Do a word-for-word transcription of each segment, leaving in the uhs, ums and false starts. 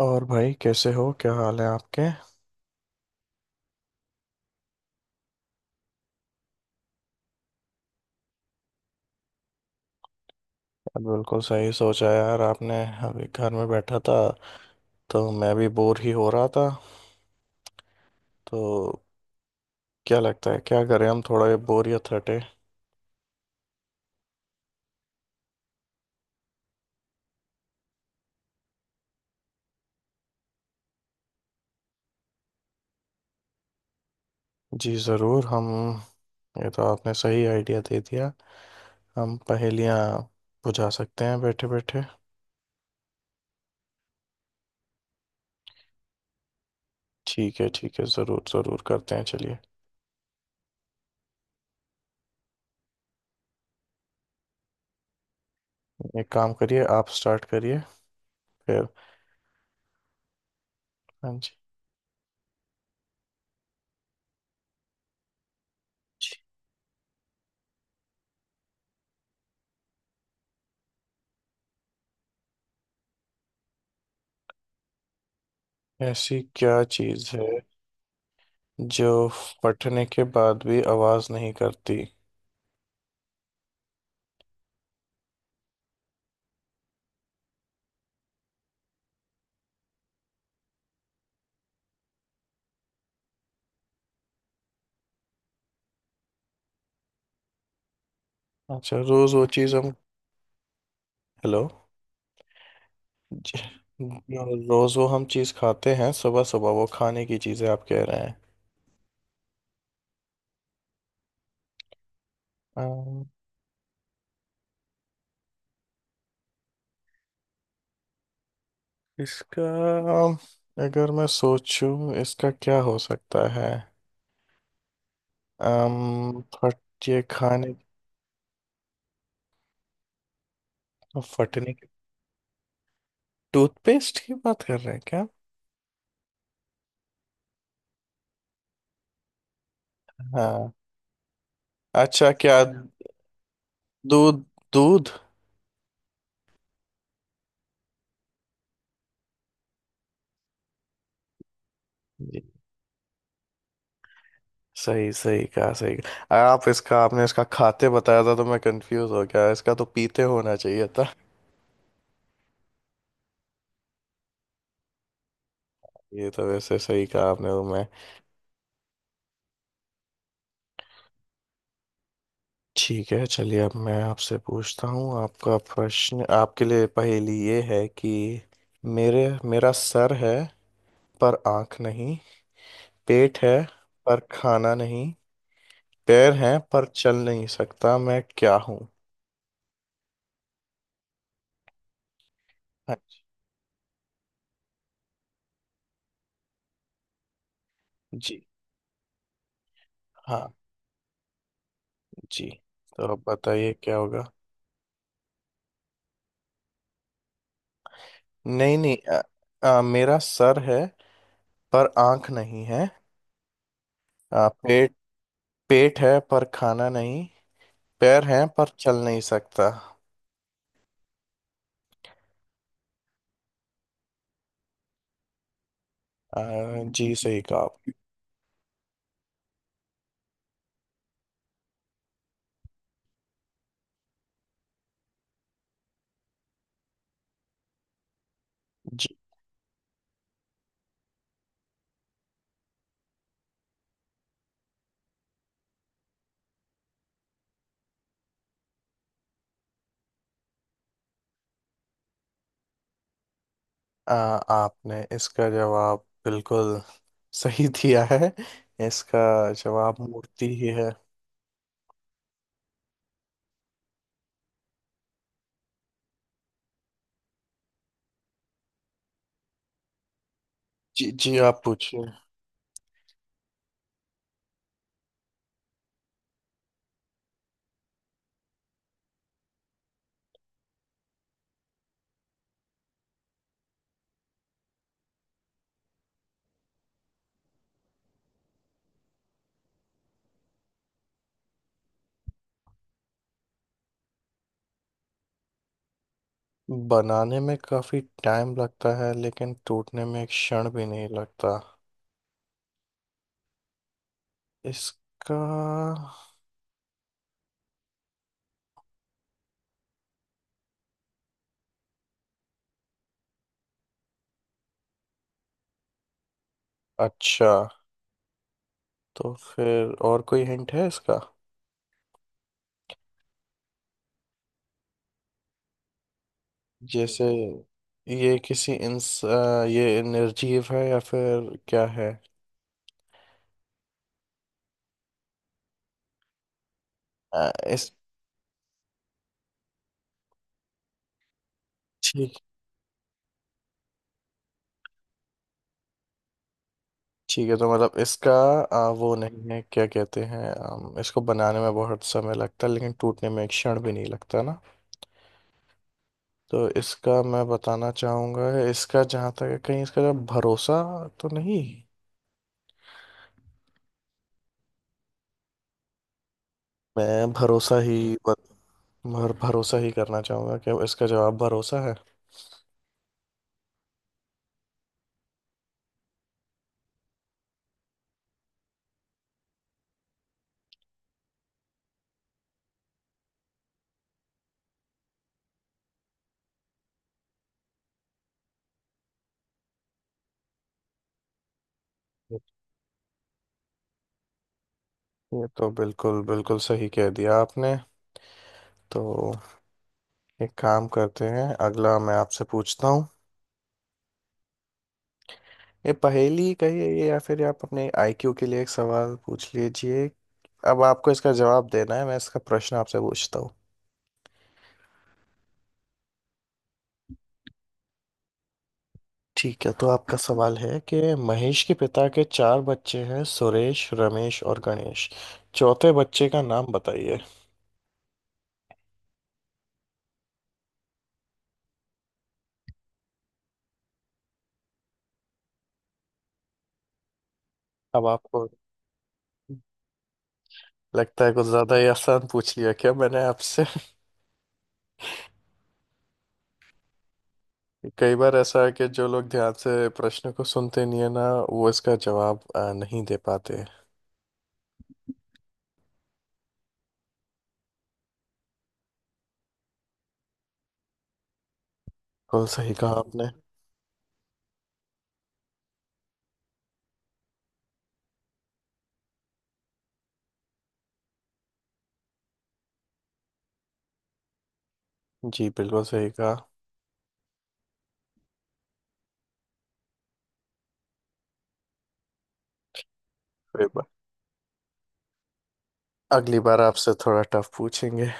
और भाई कैसे हो, क्या हाल है आपके यार। बिल्कुल सही सोचा यार आपने। अभी घर में बैठा था तो मैं भी बोर ही हो रहा था। तो क्या लगता है, क्या करें हम थोड़ा, ये बोरियत हटे। जी ज़रूर हम। ये तो आपने सही आइडिया दे दिया। हम पहेलियाँ बुझा सकते हैं बैठे बैठे। ठीक है, ठीक है, ज़रूर ज़रूर करते हैं, चलिए। एक काम करिए, आप स्टार्ट करिए फिर। हाँ जी। ऐसी क्या चीज़ है जो फटने के बाद भी आवाज नहीं करती। अच्छा, रोज वो चीज हम। हेलो। ज- रोज वो हम चीज खाते हैं सुबह सुबह, वो खाने की चीजें आप कह रहे हैं। अम, इसका, अगर मैं सोचूं इसका क्या हो सकता है। अम फट ये खाने, फटने के। टूथपेस्ट की बात कर रहे हैं क्या। हाँ। अच्छा क्या, दूध, दूध। सही सही कहा, सही कहा आप। इसका आपने इसका खाते बताया था तो मैं कंफ्यूज हो गया। इसका तो पीते होना चाहिए था। ये तो वैसे सही कहा आपने तो मैं। ठीक है, चलिए अब मैं आपसे पूछता हूँ। आपका प्रश्न, आपके लिए पहेली ये है कि मेरे मेरा सर है पर आंख नहीं। पेट है पर खाना नहीं। पैर हैं पर चल नहीं सकता। मैं क्या हूँ। हाँ जी। जी। हाँ जी, तो अब बताइए क्या होगा। नहीं नहीं। अ, अ, मेरा सर है पर आंख नहीं है। अ, पेट, पेट है पर खाना नहीं। पैर हैं पर चल नहीं सकता। अ, जी सही कहा आप। जी। अ, आपने इसका जवाब बिल्कुल सही दिया है। इसका जवाब मूर्ति ही है। जी जी, आप पूछिए। बनाने में काफी टाइम लगता है लेकिन टूटने में एक क्षण भी नहीं लगता। इसका, अच्छा तो फिर और कोई हिंट है इसका। जैसे ये किसी इंस अ, ये निर्जीव है या फिर क्या है। अ, इस ठीक। ठीक है, तो मतलब इसका अ, वो नहीं है, क्या कहते हैं, अम, इसको बनाने में बहुत समय लगता है लेकिन टूटने में एक क्षण भी नहीं लगता ना। तो इसका मैं बताना चाहूंगा, इसका जहाँ तक है, कहीं इसका भरोसा तो नहीं। मैं भरोसा ही, भर, भरोसा ही करना चाहूंगा कि इसका जवाब भरोसा है। ये तो बिल्कुल बिल्कुल सही कह दिया आपने। तो एक काम करते हैं, अगला मैं आपसे पूछता हूँ। ये पहेली कहिए ये, या फिर आप अपने आईक्यू के लिए एक सवाल पूछ लीजिए। अब आपको इसका जवाब देना है, मैं इसका प्रश्न आपसे पूछता हूँ। ठीक है, तो आपका सवाल है कि महेश के पिता के चार बच्चे हैं, सुरेश, रमेश और गणेश। चौथे बच्चे का नाम बताइए। अब आपको लगता है कुछ ज्यादा ही आसान पूछ लिया क्या मैंने आपसे। कई बार ऐसा है कि जो लोग ध्यान से प्रश्न को सुनते नहीं है ना, वो इसका जवाब अ, नहीं दे पाते। बिल्कुल सही कहा आपने। जी बिल्कुल सही कहा। कोई बात। अगली बार आपसे थोड़ा टफ पूछेंगे।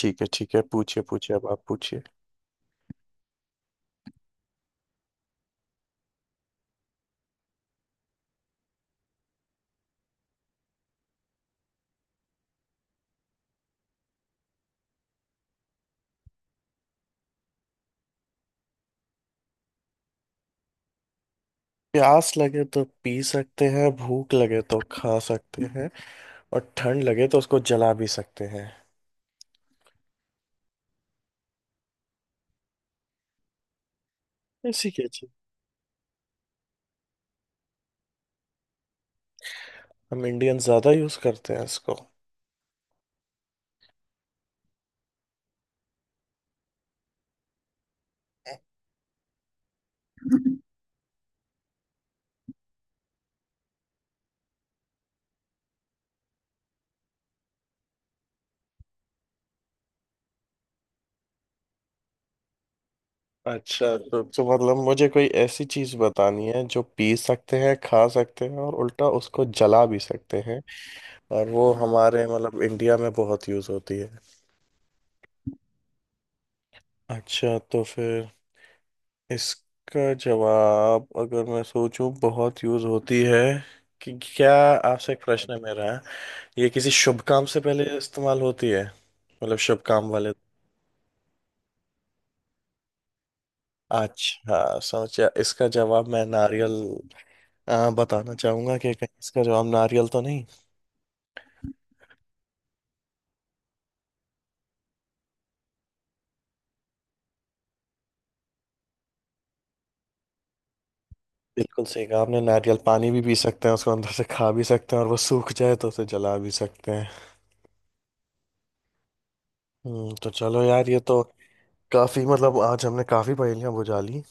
ठीक है, ठीक है, पूछिए पूछिए, अब आप पूछिए। प्यास लगे तो पी सकते हैं, भूख लगे तो खा सकते हैं, और ठंड लगे तो उसको जला भी सकते हैं। ऐसी क्या चीज। हम इंडियन ज्यादा यूज करते हैं इसको। अच्छा, तो, तो मतलब मुझे कोई ऐसी चीज बतानी है जो पी सकते हैं, खा सकते हैं, और उल्टा उसको जला भी सकते हैं। और वो हमारे मतलब इंडिया में बहुत यूज होती है। अच्छा तो फिर इसका जवाब अगर मैं सोचूं, बहुत यूज होती है, कि क्या। आपसे एक प्रश्न है मेरा। ये किसी शुभ काम से पहले इस्तेमाल होती है, मतलब शुभ काम वाले। अच्छा, सोचा इसका जवाब मैं नारियल अ, बताना चाहूंगा कि कहीं इसका जवाब नारियल तो नहीं। बिल्कुल सही कहा आपने। नारियल पानी भी पी सकते हैं, उसको अंदर से खा भी सकते हैं, और वो सूख जाए तो उसे जला भी सकते हैं। हम्म, तो चलो यार, ये तो काफी मतलब, आज हमने काफी पहेलियां बुझा ली।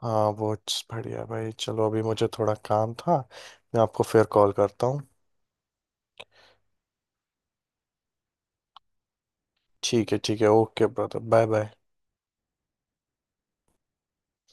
हाँ वो, बढ़िया भाई, चलो अभी मुझे थोड़ा काम था, मैं आपको फिर कॉल करता हूँ। ठीक है, ठीक है, ओके ब्रदर, बाय बाय।